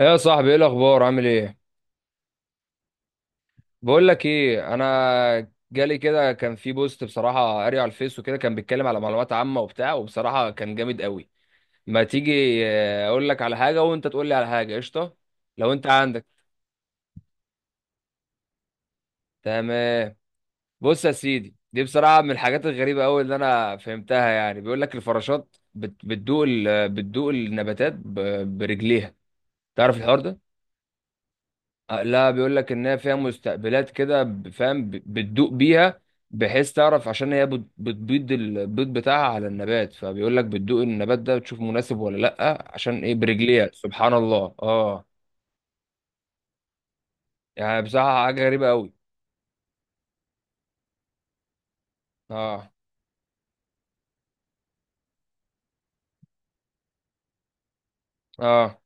ايه يا صاحبي، ايه الاخبار؟ عامل ايه؟ بقول لك ايه، انا جالي كده كان في بوست، بصراحه قاري على الفيس وكده، كان بيتكلم على معلومات عامه وبتاع، وبصراحه كان جامد قوي. ما تيجي اقول لك على حاجه وانت تقول لي على حاجه، قشطه. لو انت عندك تمام. بص يا سيدي، دي بصراحه من الحاجات الغريبه قوي اللي انا فهمتها. يعني بيقول لك الفراشات بتدوق بتدوق النباتات برجليها. تعرف الحوار ده؟ لا، بيقول لك ان هي فيها مستقبلات كده، فاهم، بتدوق بيها، بحيث تعرف، عشان هي بتبيض البيض بتاعها على النبات، فبيقول لك بتدوق النبات ده بتشوف مناسب ولا لا، عشان ايه؟ برجليها. سبحان الله. اه. يعني بصراحة حاجة غريبة قوي. اه. اه.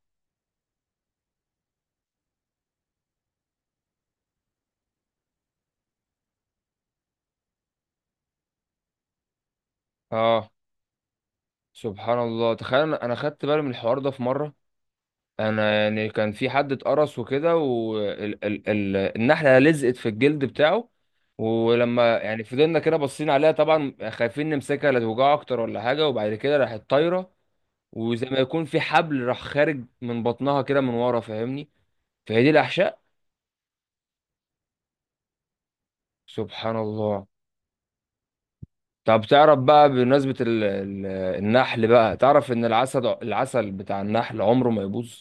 اه. سبحان الله. تخيل، أنا خدت بالي من الحوار ده في مرة. انا يعني كان في حد اتقرص وكده، والنحله لزقت في الجلد بتاعه، ولما يعني فضلنا كده باصين عليها، طبعا خايفين نمسكها لا توجعه اكتر ولا حاجه، وبعد كده راحت طايره، وزي ما يكون في حبل راح خارج من بطنها كده من ورا، فاهمني؟ فهي دي الاحشاء. سبحان الله. طب تعرف بقى، بمناسبه النحل بقى، تعرف ان العسل، العسل بتاع النحل عمره ما يبوظ؟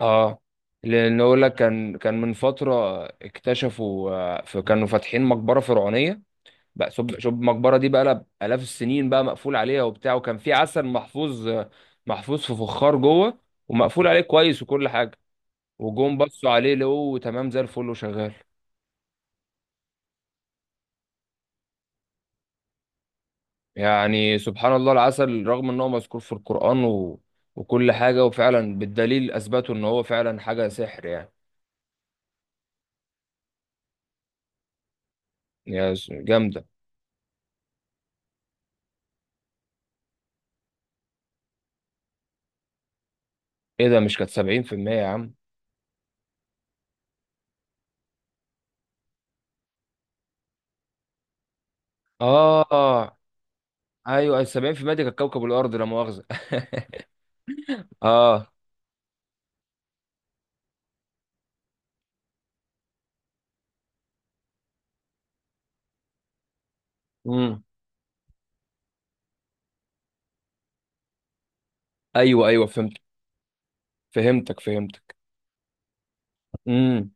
اه، لان اقول لك كان، كان من فتره اكتشفوا، فكانوا فاتحين مقبره فرعونيه بقى، شوف، شوف المقبره دي بقى لها الاف السنين بقى، مقفول عليها وبتاع، وكان في عسل محفوظ، محفوظ في فخار جوه، ومقفول عليه كويس وكل حاجه، وجم بصوا عليه لقوه تمام زي الفل وشغال. يعني سبحان الله، العسل رغم ان هو مذكور في القران وكل حاجه، وفعلا بالدليل اثبتوا ان هو فعلا حاجه سحر يعني. جامده. ايه ده، مش كانت 70% يا عم؟ اه، ايوه، 70% دي كانت كوكب الارض، لا مؤاخذه. اه. امم ايوه، ايوه، فهمت. فهمتك، فهمتك. امم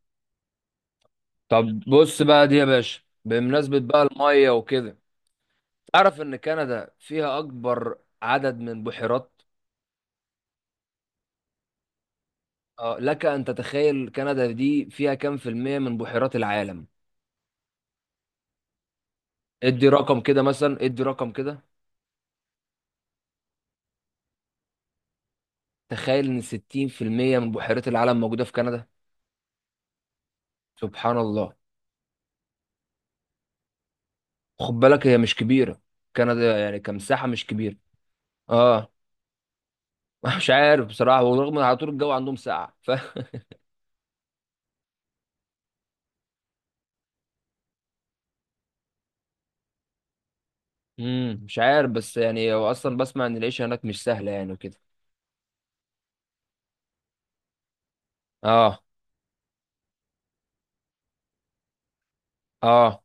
طب بص بقى دي يا باشا، بمناسبه بقى الميه وكده، تعرف ان كندا فيها اكبر عدد من بحيرات؟ آه، لك ان تتخيل كندا دي فيها كام في الميه من بحيرات العالم؟ ادي رقم كده مثلا، ادي رقم كده. تخيل ان 60% من بحيرات العالم موجوده في كندا. سبحان الله. خد بالك هي مش كبيره، كندا يعني كمساحه مش كبيره. اه. مش عارف بصراحة، ورغم ان على طول الجو عندهم ساقع، ف مش عارف، بس يعني هو اصلا بسمع ان العيشة هناك مش سهلة يعني وكده. اه. اه.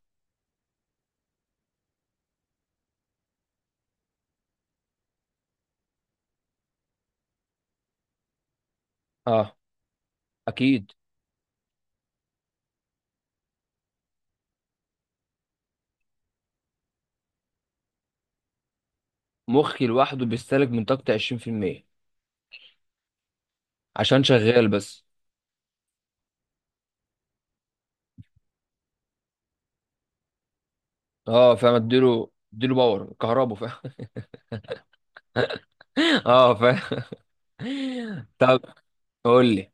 اه. اكيد. مخي لوحده بيستهلك من طاقتي 20%؟ عشان شغال بس. اه فاهم، اديله، اديله باور كهربا، فاهم. اه فاهم. طب قول لي.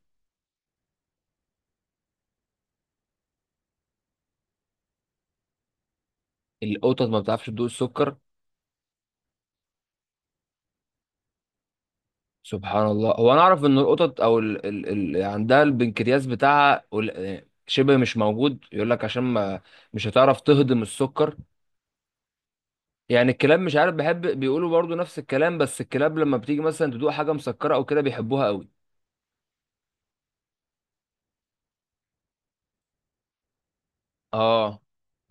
القطط ما بتعرفش تدوق السكر؟ سبحان الله، هو انا اعرف ان القطط او يعني عندها البنكرياس بتاعها شبه مش موجود، يقول لك عشان ما مش هتعرف تهضم السكر. يعني الكلاب مش عارف، بحب بيقولوا برضو نفس الكلام، بس الكلاب لما بتيجي مثلا تدوق حاجة مسكرة او كده بيحبوها قوي. اه.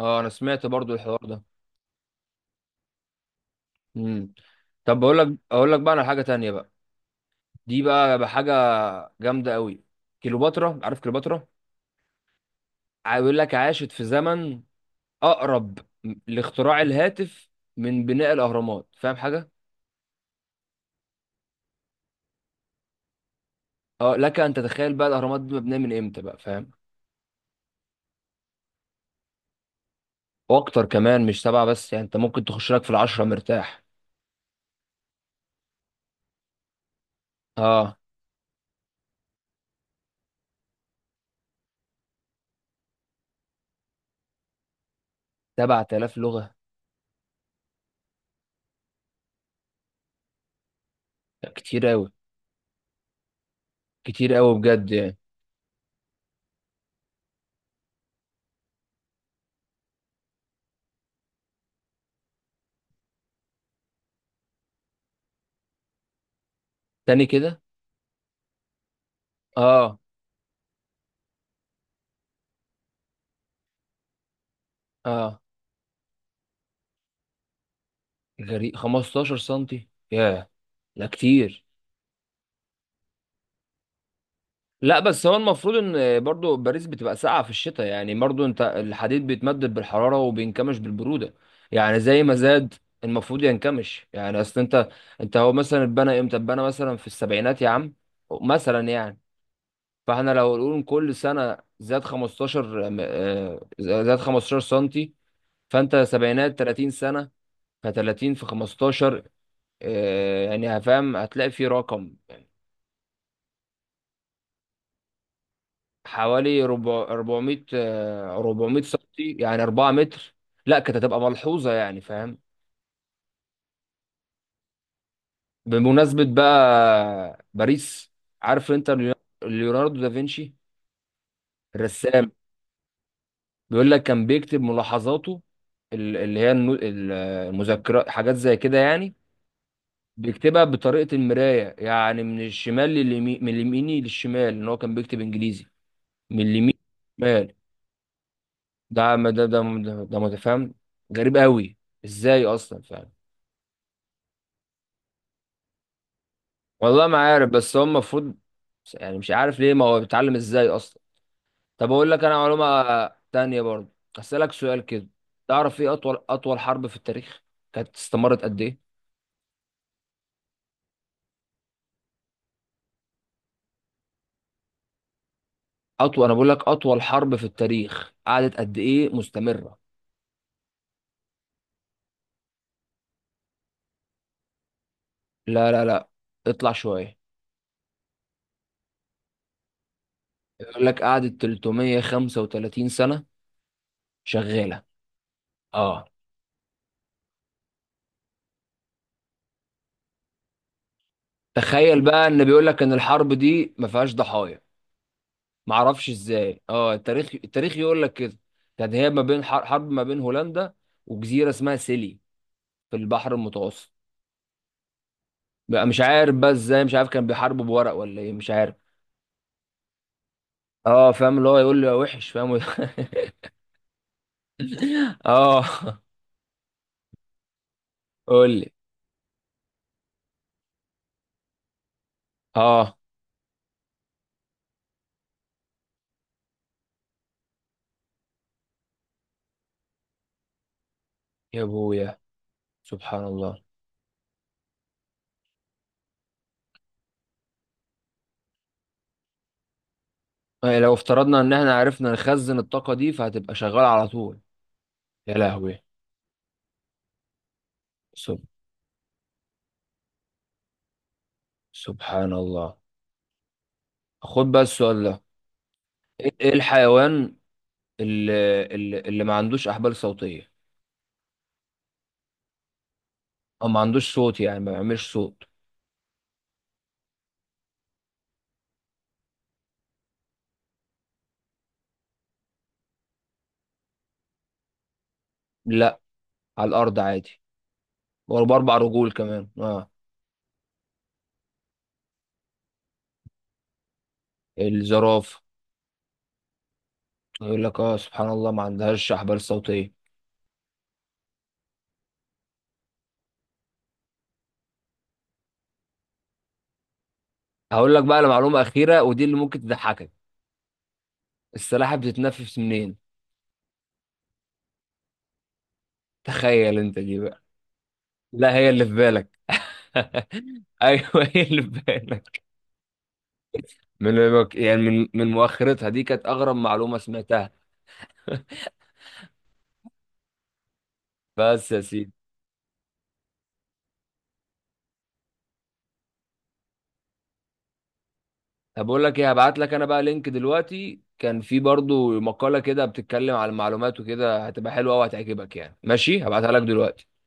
اه انا سمعت برضو الحوار ده. امم طب بقول لك، اقول لك بقى على حاجة تانية بقى، دي بقى حاجة جامدة قوي. كليوباترا، عارف كليوباترا؟ بيقول لك عاشت في زمن اقرب لاختراع الهاتف من بناء الاهرامات، فاهم حاجه؟ اه لك ان تتخيل بقى الاهرامات دي مبنيه من امتى بقى، فاهم؟ واكتر كمان، مش سبعه بس يعني، انت ممكن تخش لك في العشره مرتاح. اه، 7000 لغه؟ لا، كتير قوي، كتير قوي بجد يعني. تاني كده. اه. اه غريب، 15 سنتي، ياه. لا كتير. لا بس هو المفروض ان برضو باريس بتبقى ساقعه في الشتاء، يعني برضو انت الحديد بيتمدد بالحراره وبينكمش بالبروده، يعني زي ما زاد المفروض ينكمش. يعني اصل انت، انت هو مثلا اتبنى امتى؟ اتبنى مثلا في السبعينات يا عم، مثلا يعني. فاحنا لو نقول كل سنه زاد زاد 15 سنتي، فانت سبعينات 30 سنه، ف30 في 15، يعني هفهم، هتلاقي في رقم حوالي 400، 400، 400 سنتي، يعني 4 متر. لا كانت هتبقى ملحوظة يعني، فاهم؟ بمناسبة بقى باريس، عارف انت ليوناردو دافنشي الرسام؟ بيقول لك كان بيكتب ملاحظاته، اللي هي المذكرات حاجات زي كده يعني، بيكتبها بطريقة المراية، يعني من الشمال لليمين، من اليمين للشمال، ان هو كان بيكتب انجليزي من اليمين للشمال. ده ده ده، ده متفهم، غريب قوي، ازاي اصلا، فاهم؟ والله ما عارف، بس هو المفروض، يعني مش عارف ليه، ما هو بيتعلم ازاي اصلا. طب اقول لك انا معلومه تانية برضه، اسالك سؤال كده. تعرف ايه اطول، اطول حرب في التاريخ كانت استمرت قد ايه؟ اطول، انا بقول لك اطول حرب في التاريخ قعدت قد ايه مستمره؟ لا لا لا، اطلع شويه. يقول لك قعدت 335 سنه شغاله. اه. تخيل بقى ان بيقول لك ان الحرب دي ما فيهاش ضحايا. ما اعرفش ازاي، اه، التاريخ، التاريخ يقول لك كده. كانت هي ما بين حرب ما بين هولندا وجزيره اسمها سيلي في البحر المتوسط. بقى مش عارف بقى ازاي، مش عارف، كان بيحاربوا بورق ولا ايه، مش عارف. اه فاهم، اللي هو يقول لي يا وحش فاهم. اه قول لي. اه يا ابويا. سبحان الله. لو افترضنا ان احنا عرفنا نخزن الطاقه دي فهتبقى شغاله على طول. يا لهوي. سب... سبحان الله. خد بقى السؤال ده، ايه الحيوان اللي ما عندوش احبال صوتيه، او ما عندوش صوت، يعني ما بيعملش صوت؟ لا على الارض عادي، وباربع رجول كمان، اه. الزرافه. يقول لك اه، سبحان الله ما عندهاش احبال صوتيه. هقول لك بقى لمعلومه اخيره، ودي اللي ممكن تضحكك. السلاحف بتتنفس منين؟ تخيل انت دي بقى. لا هي اللي في بالك. ايوه، هي اللي في بالك. من، يعني من، من مؤخرتها. دي كانت اغرب معلومه سمعتها. بس يا سيدي. طب بقول لك ايه، هبعت لك انا بقى لينك دلوقتي، كان في برضو مقالة كده بتتكلم على المعلومات وكده، هتبقى حلوة وهتعجبك يعني، ماشي؟ هبعتها لك دلوقتي.